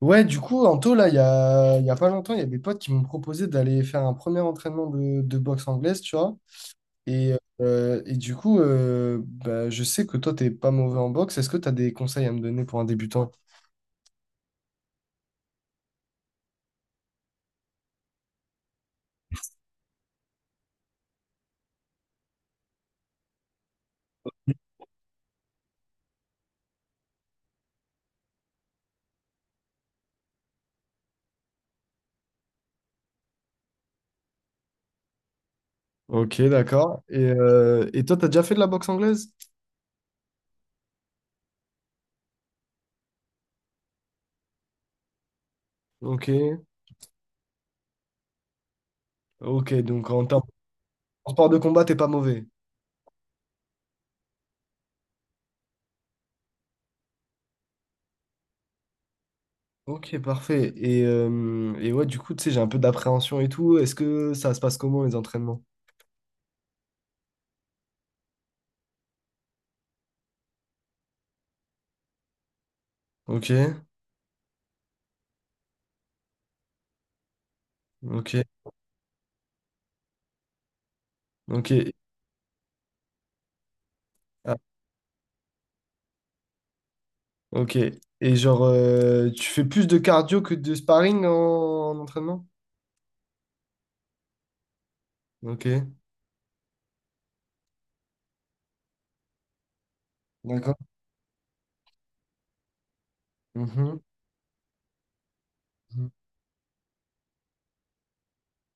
Ouais, du coup, Anto, là, il y a pas longtemps, il y a des potes qui m'ont proposé d'aller faire un premier entraînement de boxe anglaise, tu vois. Et, et du coup, bah, je sais que toi, t'es pas mauvais en boxe. Est-ce que tu as des conseils à me donner pour un débutant? Ok, d'accord. Et toi, t'as déjà fait de la boxe anglaise? Ok, ok. Donc, en termes de sport de combat, t'es pas mauvais. Ok, parfait. Et ouais, du coup, tu sais, j'ai un peu d'appréhension et tout. Est-ce que ça se passe comment, les entraînements? Ok, ok, ok. Ok. Et genre, tu fais plus de cardio que de sparring en entraînement? Ok. D'accord. Mhm. Mhm.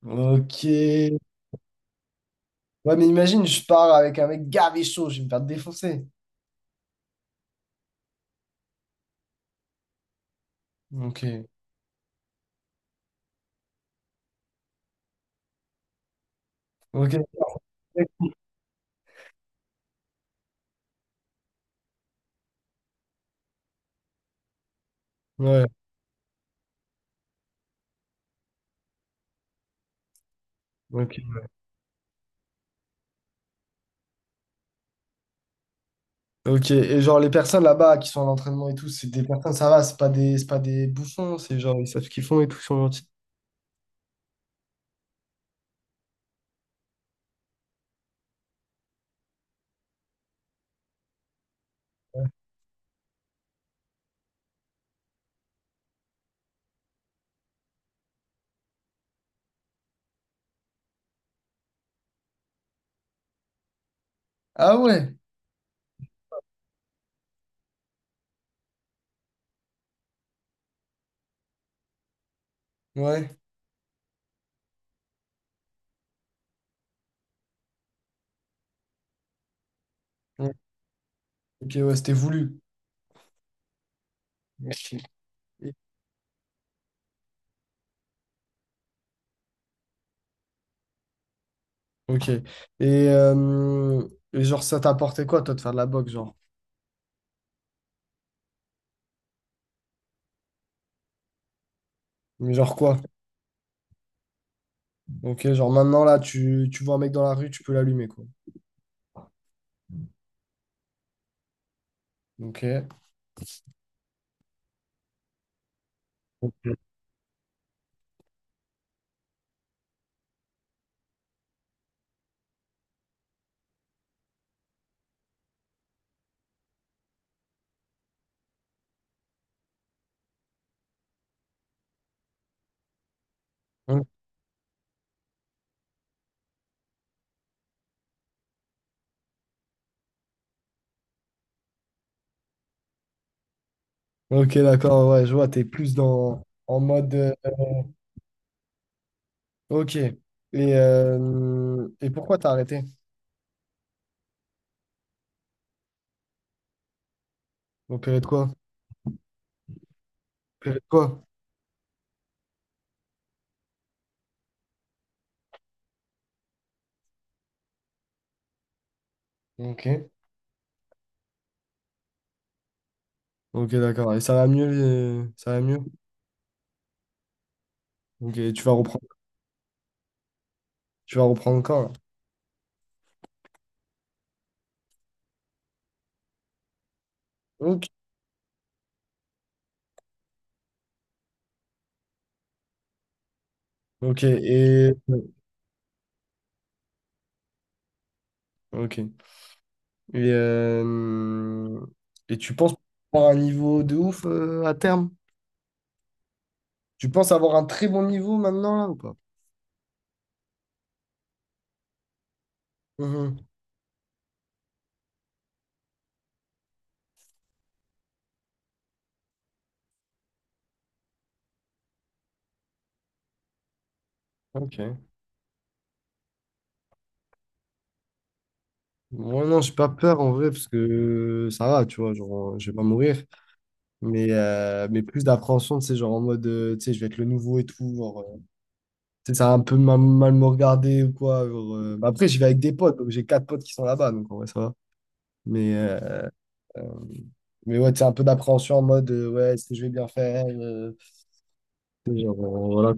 Ok. Ouais, mais imagine, je pars avec un mec gavé chaud, je vais me faire défoncer. Ok. Ok. Ouais. Ok. Ok. Et genre, les personnes là-bas qui sont à l'entraînement et tout, c'est des personnes, ça va, c'est pas des bouffons, c'est genre, ils savent ce qu'ils font et tout, ils sont gentils. Ah ouais. Ah ouais. Ouais. Ok, ouais, c'était voulu. Ok. Ok. Euh, et genre, ça t'a apporté quoi, toi, de faire de la boxe, genre? Mais genre quoi? Ok, genre maintenant, là, tu vois un mec dans la rue, tu peux l'allumer, quoi. Ok. Ok, Ok, d'accord, ouais, je vois, t'es plus dans, en mode... ok. Et pourquoi t'as arrêté? Opéré de quoi? Opéré de quoi? Ok. Ok, d'accord. Et ça va mieux, ça va mieux? Ok, tu vas reprendre quand, là? Ok. Ok, et... Ok. Et, euh, et tu penses avoir un niveau de ouf à terme? Tu penses avoir un très bon niveau maintenant là ou pas? Mhm. Ok. Moi non, j'ai pas peur en vrai parce que ça va, tu vois, genre je vais pas mourir. Mais plus d'appréhension, tu sais, genre en mode, tu sais, je vais être le nouveau et tout, genre, tu sais, ça va un peu mal me regarder ou quoi, genre, bah après, j'y vais avec des potes, donc j'ai quatre potes qui sont là-bas, donc en vrai, ça va. Mais, euh, euh, mais ouais, tu sais, un peu d'appréhension en mode, ouais, est-ce que je vais bien faire? Tu sais, genre, voilà.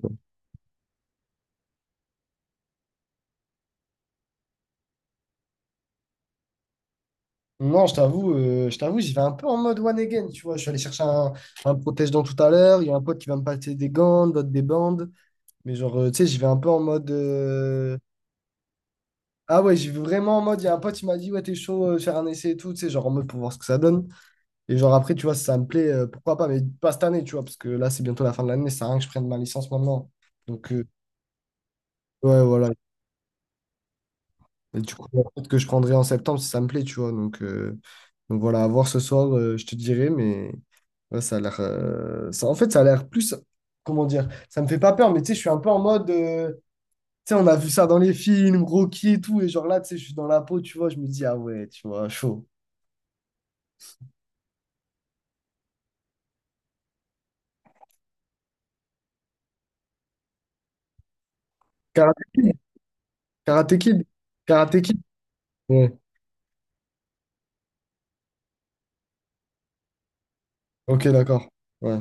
Non, je t'avoue, j'y vais un peu en mode one again, tu vois. Je suis allé chercher un protège-dents tout à l'heure. Il y a un pote qui va me passer des gants, d'autres des bandes. Mais genre, tu sais, j'y vais un peu en mode. Ah ouais, j'y vais vraiment en mode. Il y a un pote qui m'a dit, ouais, t'es chaud, faire un essai et tout, tu sais, genre en mode pour voir ce que ça donne. Et genre, après, tu vois, si ça me plaît, pourquoi pas, mais pas cette année, tu vois, parce que là, c'est bientôt la fin de l'année, ça sert à rien que je prenne ma licence maintenant. Donc, ouais, voilà. Et du coup, la route que je prendrai en septembre si ça me plaît, tu vois. Donc voilà, à voir ce soir, je te dirai, mais ouais, ça a l'air. Ça, en fait, ça a l'air plus. Comment dire? Ça me fait pas peur, mais tu sais, je suis un peu en mode. Tu sais, on a vu ça dans les films, Rocky et tout, et genre là, tu sais, je suis dans la peau, tu vois, je me dis, ah ouais, tu vois, chaud. Karate Kid, Karate Kid, Karate Kid. Ouais, ok, d'accord. Ouais,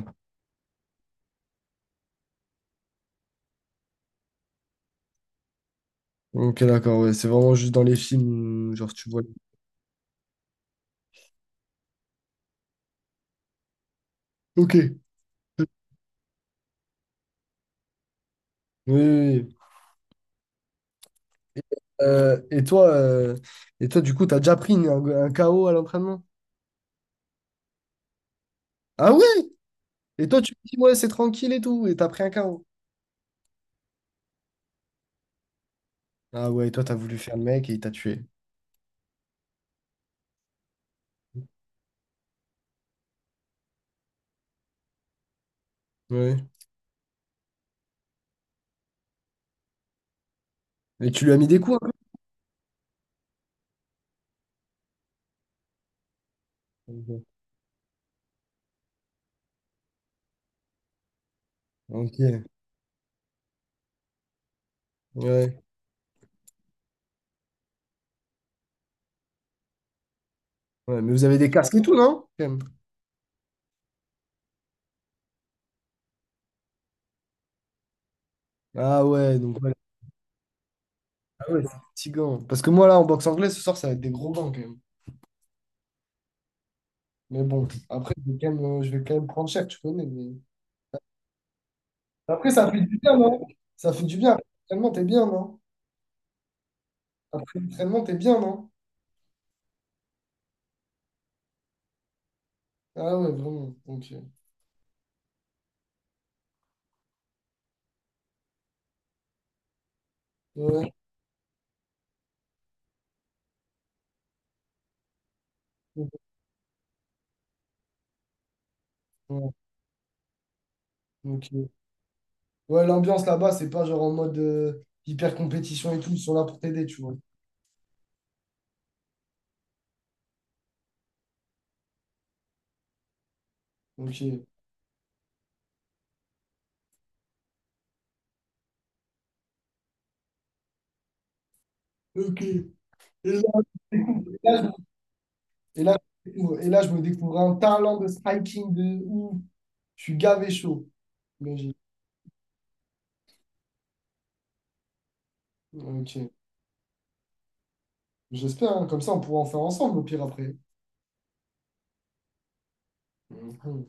ok, d'accord, ouais, c'est vraiment juste dans les films, genre, tu vois. Ok. Oui, oui. Euh, et toi, euh, et toi, du coup, t'as déjà pris un KO à l'entraînement? Ah ouais. Et toi, tu me dis, ouais, c'est tranquille et tout, et t'as pris un KO. Ah ouais, et toi, t'as voulu faire le mec et il t'a tué. Ouais. Et tu lui as mis des coups un peu? Ok. Ok. Ouais. Ouais, mais vous avez des casques et tout, non? Quand même. Ah ouais, donc ouais. Ah ouais, c'est fatigant. Parce que moi, là, en boxe anglaise, ce soir, ça va être des gros gants, quand même. Mais bon, après, je vais quand même, je vais quand même prendre cher, tu connais. Mais- Après, ça fait du bien, non? Ça fait du bien. Après, l'entraînement, t'es bien, non? Après l'entraînement, t'es bien, non? Ah ouais, vraiment. Ok. Ouais. Ouais, ouais, ok. Ouais, l'ambiance là-bas, c'est pas genre en mode hyper compétition et tout, ils sont là pour t'aider, tu vois. Ok. Ok. Et là, et là, je découvre- et là, je me découvre un talent de striking de ouf. Je suis gavé chaud. Mais j'ai- Ok. J'espère, hein. Comme ça, on pourra en faire ensemble au pire après. Mhm.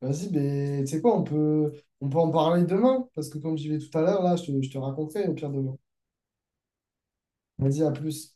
Vas-y, mais tu sais quoi, on peut en parler demain, parce que comme j'y vais tout à l'heure, là, je te raconterai au pire demain. Vas-y, à plus.